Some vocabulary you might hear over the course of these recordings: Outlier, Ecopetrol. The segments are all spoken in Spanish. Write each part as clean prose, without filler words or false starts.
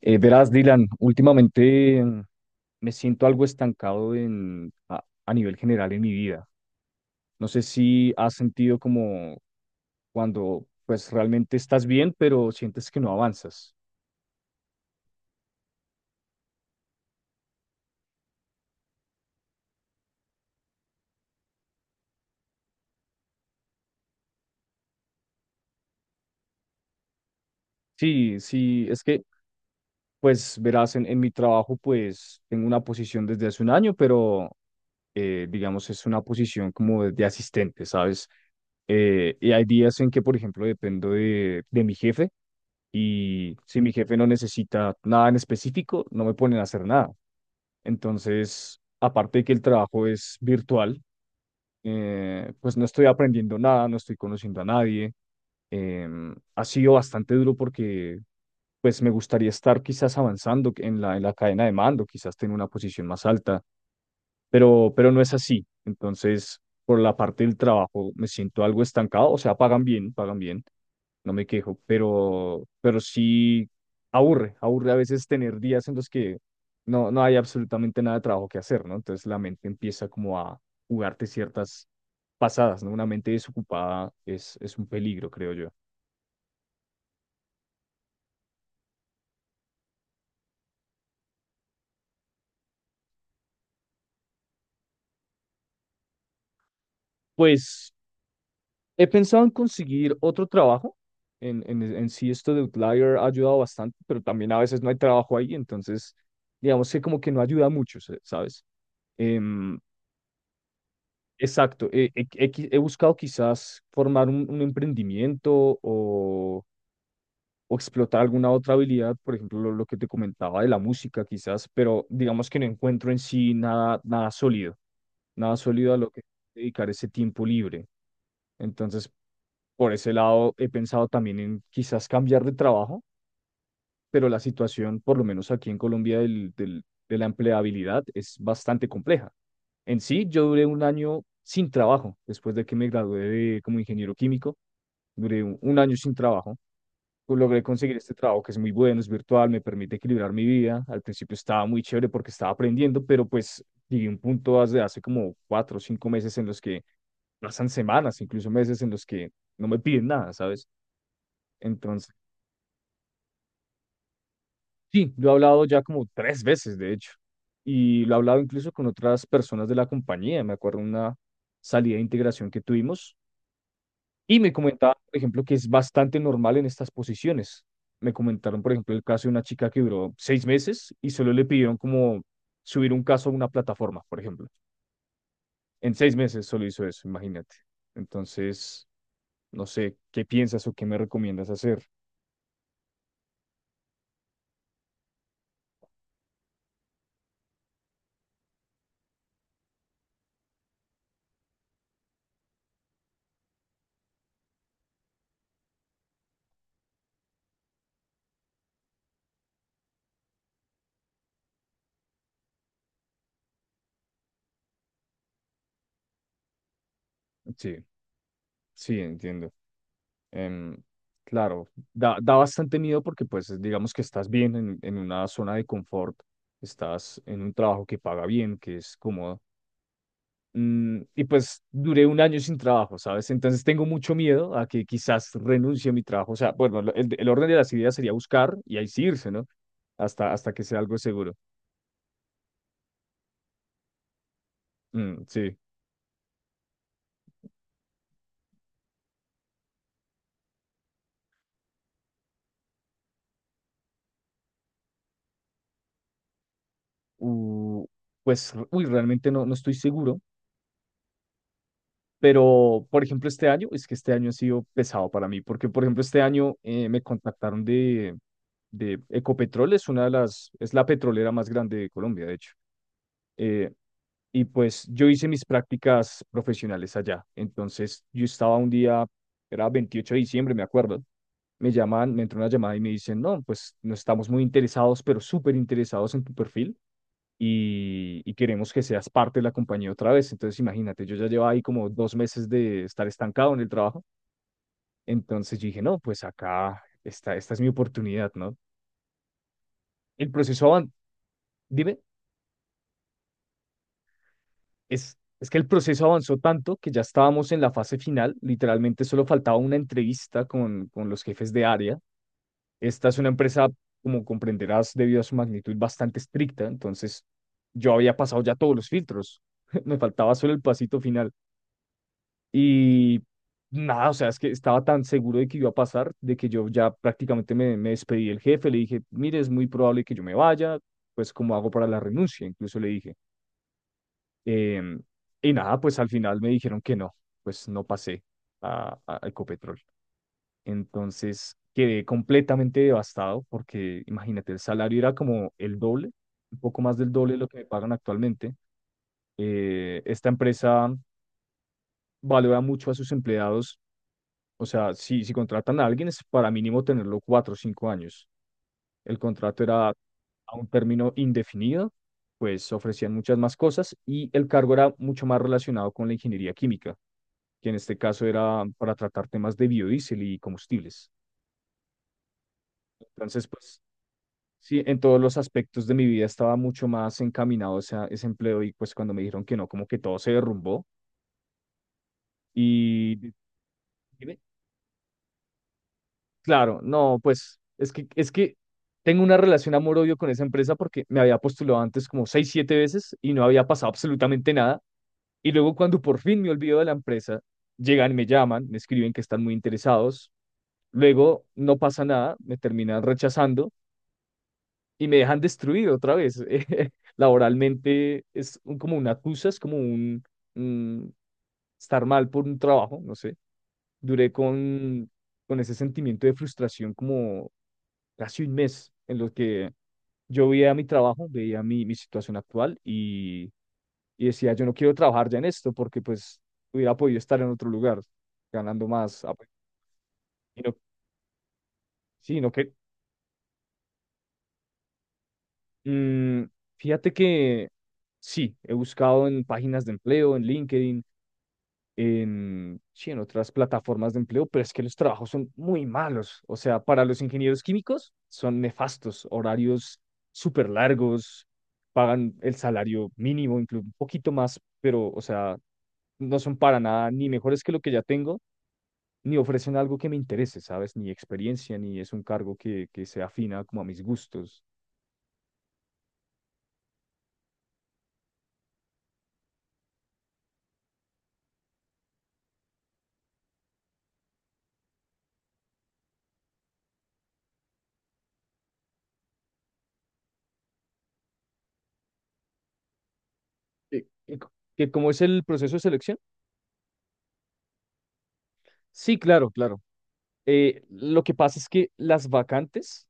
Verás, Dylan, últimamente me siento algo estancado a nivel general en mi vida. No sé si has sentido como cuando pues realmente estás bien, pero sientes que no avanzas. Sí, sí, es que pues verás, en mi trabajo pues tengo una posición desde hace un año, pero digamos es una posición como de asistente, ¿sabes? Y hay días en que, por ejemplo, dependo de mi jefe, y si mi jefe no necesita nada en específico, no me ponen a hacer nada. Entonces, aparte de que el trabajo es virtual, pues no estoy aprendiendo nada, no estoy conociendo a nadie. Ha sido bastante duro porque pues me gustaría estar quizás avanzando en la cadena de mando, quizás tener una posición más alta, pero no es así. Entonces, por la parte del trabajo me siento algo estancado. O sea, pagan bien, no me quejo, pero sí aburre, aburre a veces tener días en los que no, no hay absolutamente nada de trabajo que hacer, ¿no? Entonces la mente empieza como a jugarte ciertas pasadas, ¿no? Una mente desocupada es un peligro, creo yo. Pues he pensado en conseguir otro trabajo. En sí, esto de Outlier ha ayudado bastante, pero también a veces no hay trabajo ahí, entonces digamos que como que no ayuda mucho, ¿sabes? Em, exacto. He buscado quizás formar un emprendimiento, o explotar alguna otra habilidad, por ejemplo, lo que te comentaba de la música quizás, pero digamos que no encuentro en sí nada, nada sólido, nada sólido a lo que dedicar ese tiempo libre. Entonces, por ese lado, he pensado también en quizás cambiar de trabajo, pero la situación, por lo menos aquí en Colombia, de la empleabilidad es bastante compleja. En sí, yo duré un año sin trabajo después de que me gradué como ingeniero químico, duré un año sin trabajo. Pues logré conseguir este trabajo, que es muy bueno, es virtual, me permite equilibrar mi vida. Al principio estaba muy chévere porque estaba aprendiendo, pero pues llegué a un punto hace como 4 o 5 meses en los que pasan semanas, incluso meses en los que no me piden nada, ¿sabes? Entonces, sí, lo he hablado ya como tres veces, de hecho, y lo he hablado incluso con otras personas de la compañía. Me acuerdo una salida de integración que tuvimos. Y me comentaban, por ejemplo, que es bastante normal en estas posiciones. Me comentaron, por ejemplo, el caso de una chica que duró 6 meses y solo le pidieron como subir un caso a una plataforma, por ejemplo. En seis meses solo hizo eso, imagínate. Entonces, no sé, ¿qué piensas o qué me recomiendas hacer? Sí, sí, entiendo. Em, claro, da bastante miedo porque pues digamos que estás bien en una zona de confort, estás en un trabajo que paga bien, que es cómodo. Y pues duré un año sin trabajo, ¿sabes? Entonces tengo mucho miedo a que quizás renuncie a mi trabajo. O sea, bueno, el orden de las ideas sería buscar y ahí sí irse, ¿no? Hasta que sea algo seguro. Mm, sí. U- pues, uy, realmente no, no estoy seguro. Pero, por ejemplo, este año, es que este año ha sido pesado para mí, porque, por ejemplo, este año me contactaron de Ecopetrol, es una de las, es la petrolera más grande de Colombia, de hecho. Eh, Y pues yo hice mis prácticas profesionales allá. Entonces yo estaba un día, era 28 de diciembre, me acuerdo. Me llaman, me entró una llamada y me dicen, no, pues no estamos muy interesados, pero súper interesados en tu perfil, y queremos que seas parte de la compañía otra vez. Entonces imagínate, yo ya llevaba ahí como 2 meses de estar estancado en el trabajo. Entonces yo dije, no, pues acá, esta es mi oportunidad, ¿no? El proceso avanzó. Dime. Es que el proceso avanzó tanto que ya estábamos en la fase final, literalmente solo faltaba una entrevista con los jefes de área. Esta es una empresa, como comprenderás, debido a su magnitud, bastante estricta. Entonces yo había pasado ya todos los filtros, me faltaba solo el pasito final. Y nada, o sea, es que estaba tan seguro de que iba a pasar, de que yo ya prácticamente me despedí del jefe, le dije, mire, es muy probable que yo me vaya, pues cómo hago para la renuncia, incluso le dije. Em, y nada, pues al final me dijeron que no, pues no pasé a Ecopetrol. Entonces quedé completamente devastado porque, imagínate, el salario era como el doble, un poco más del doble de lo que me pagan actualmente. Esta empresa valora mucho a sus empleados, o sea, si contratan a alguien es para mínimo tenerlo 4 o 5 años. El contrato era a un término indefinido, pues ofrecían muchas más cosas y el cargo era mucho más relacionado con la ingeniería química, que en este caso era para tratar temas de biodiesel y combustibles. Entonces, pues sí, en todos los aspectos de mi vida estaba mucho más encaminado ese, ese empleo, y pues cuando me dijeron que no, como que todo se derrumbó y… Dime. Claro, no, pues es que, tengo una relación amor-odio con esa empresa porque me había postulado antes como seis, siete veces y no había pasado absolutamente nada. Y luego, cuando por fin me olvido de la empresa, llegan, me llaman, me escriben que están muy interesados. Luego no pasa nada, me terminan rechazando y me dejan destruido otra vez. Laboralmente es como una excusa, es como mm, estar mal por un trabajo, no sé. Duré con ese sentimiento de frustración como casi un mes, en lo que yo veía mi trabajo, veía mi situación actual, y decía, yo no quiero trabajar ya en esto, porque pues hubiera podido estar en otro lugar ganando más. Ah, pues, y no, sí, no que… mm, fíjate que sí, he buscado en páginas de empleo, en LinkedIn, en, sí, en otras plataformas de empleo, pero es que los trabajos son muy malos. O sea, para los ingenieros químicos son nefastos, horarios súper largos, pagan el salario mínimo, incluso un poquito más, pero, o sea, no son para nada ni mejores que lo que ya tengo, ni ofrecen algo que me interese, ¿sabes? Ni experiencia, ni es un cargo que se afina como a mis gustos. ¿Que cómo es el proceso de selección? Sí, claro, claro. Lo que pasa es que las vacantes,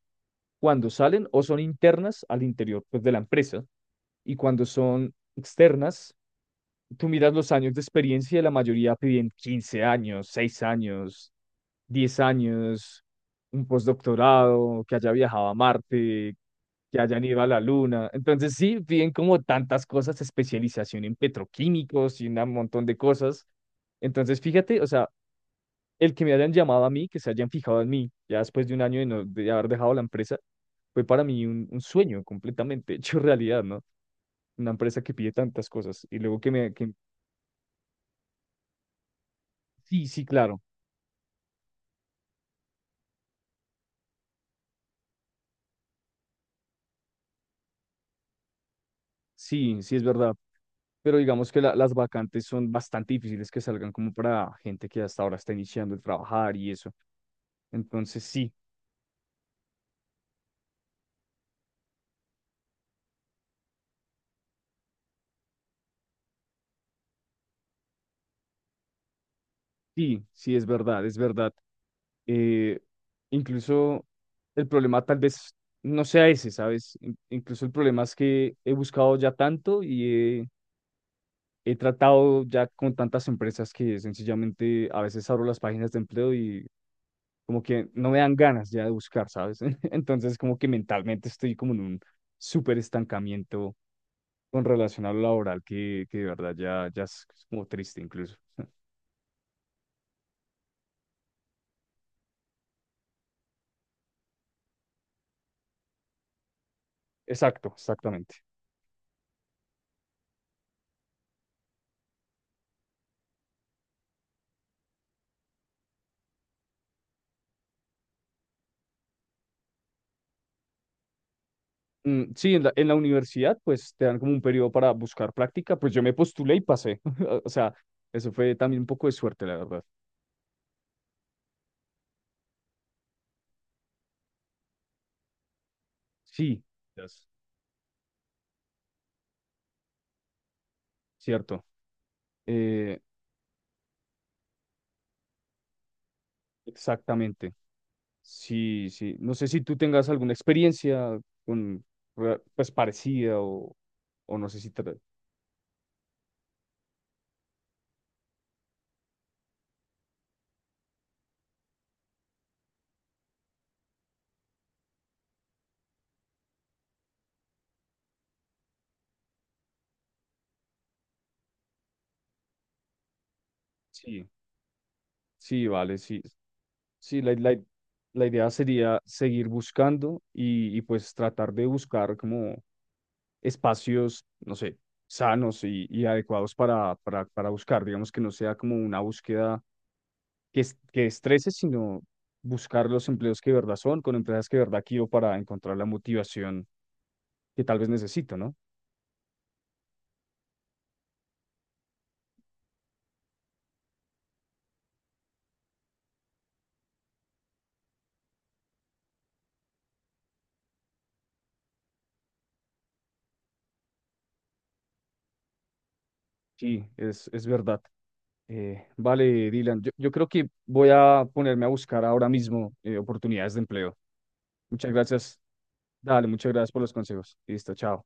cuando salen, o son internas al interior pues, de la empresa, y cuando son externas, tú miras los años de experiencia y la mayoría piden 15 años, 6 años, 10 años, un postdoctorado, que haya viajado a Marte, que hayan ido a la Luna. Entonces sí, piden como tantas cosas, especialización en petroquímicos y un montón de cosas. Entonces fíjate, o sea, el que me hayan llamado a mí, que se hayan fijado en mí, ya después de un año de, no, de haber dejado la empresa, fue para mí un sueño completamente hecho realidad, ¿no? Una empresa que pide tantas cosas y luego que me… Que, sí, sí, claro, sí, sí es verdad, pero digamos que las vacantes son bastante difíciles que salgan como para gente que hasta ahora está iniciando el trabajar y eso. Entonces, sí, sí, sí es verdad, es verdad. eh, incluso el problema tal vez no sea ese, ¿sabes? Incluso el problema es que he buscado ya tanto, y he tratado ya con tantas empresas, que sencillamente a veces abro las páginas de empleo y como que no me dan ganas ya de buscar, ¿sabes? Entonces como que mentalmente estoy como en un súper estancamiento con relación a lo laboral, que de verdad ya, ya es como triste, incluso. Exacto, exactamente. Mm, sí, en la universidad pues te dan como un periodo para buscar práctica. Pues yo me postulé y pasé. O sea, eso fue también un poco de suerte, la verdad. Sí, yes. Cierto. Eh, exactamente. Sí, sí. No sé si tú tengas alguna experiencia con, re- pues parecida, o no sé si… tra- Sí, sí, vale, sí. Sí, la idea sería seguir buscando, y pues tratar de buscar como espacios, no sé, sanos y adecuados para, para buscar. Digamos que no sea como una búsqueda que estrese, sino buscar los empleos que de verdad son, con empresas que de verdad quiero, para encontrar la motivación que tal vez necesito, ¿no? Sí, es verdad. Vale, Dylan, yo creo que voy a ponerme a buscar ahora mismo oportunidades de empleo. Muchas gracias. Dale, muchas gracias por los consejos. Listo, chao.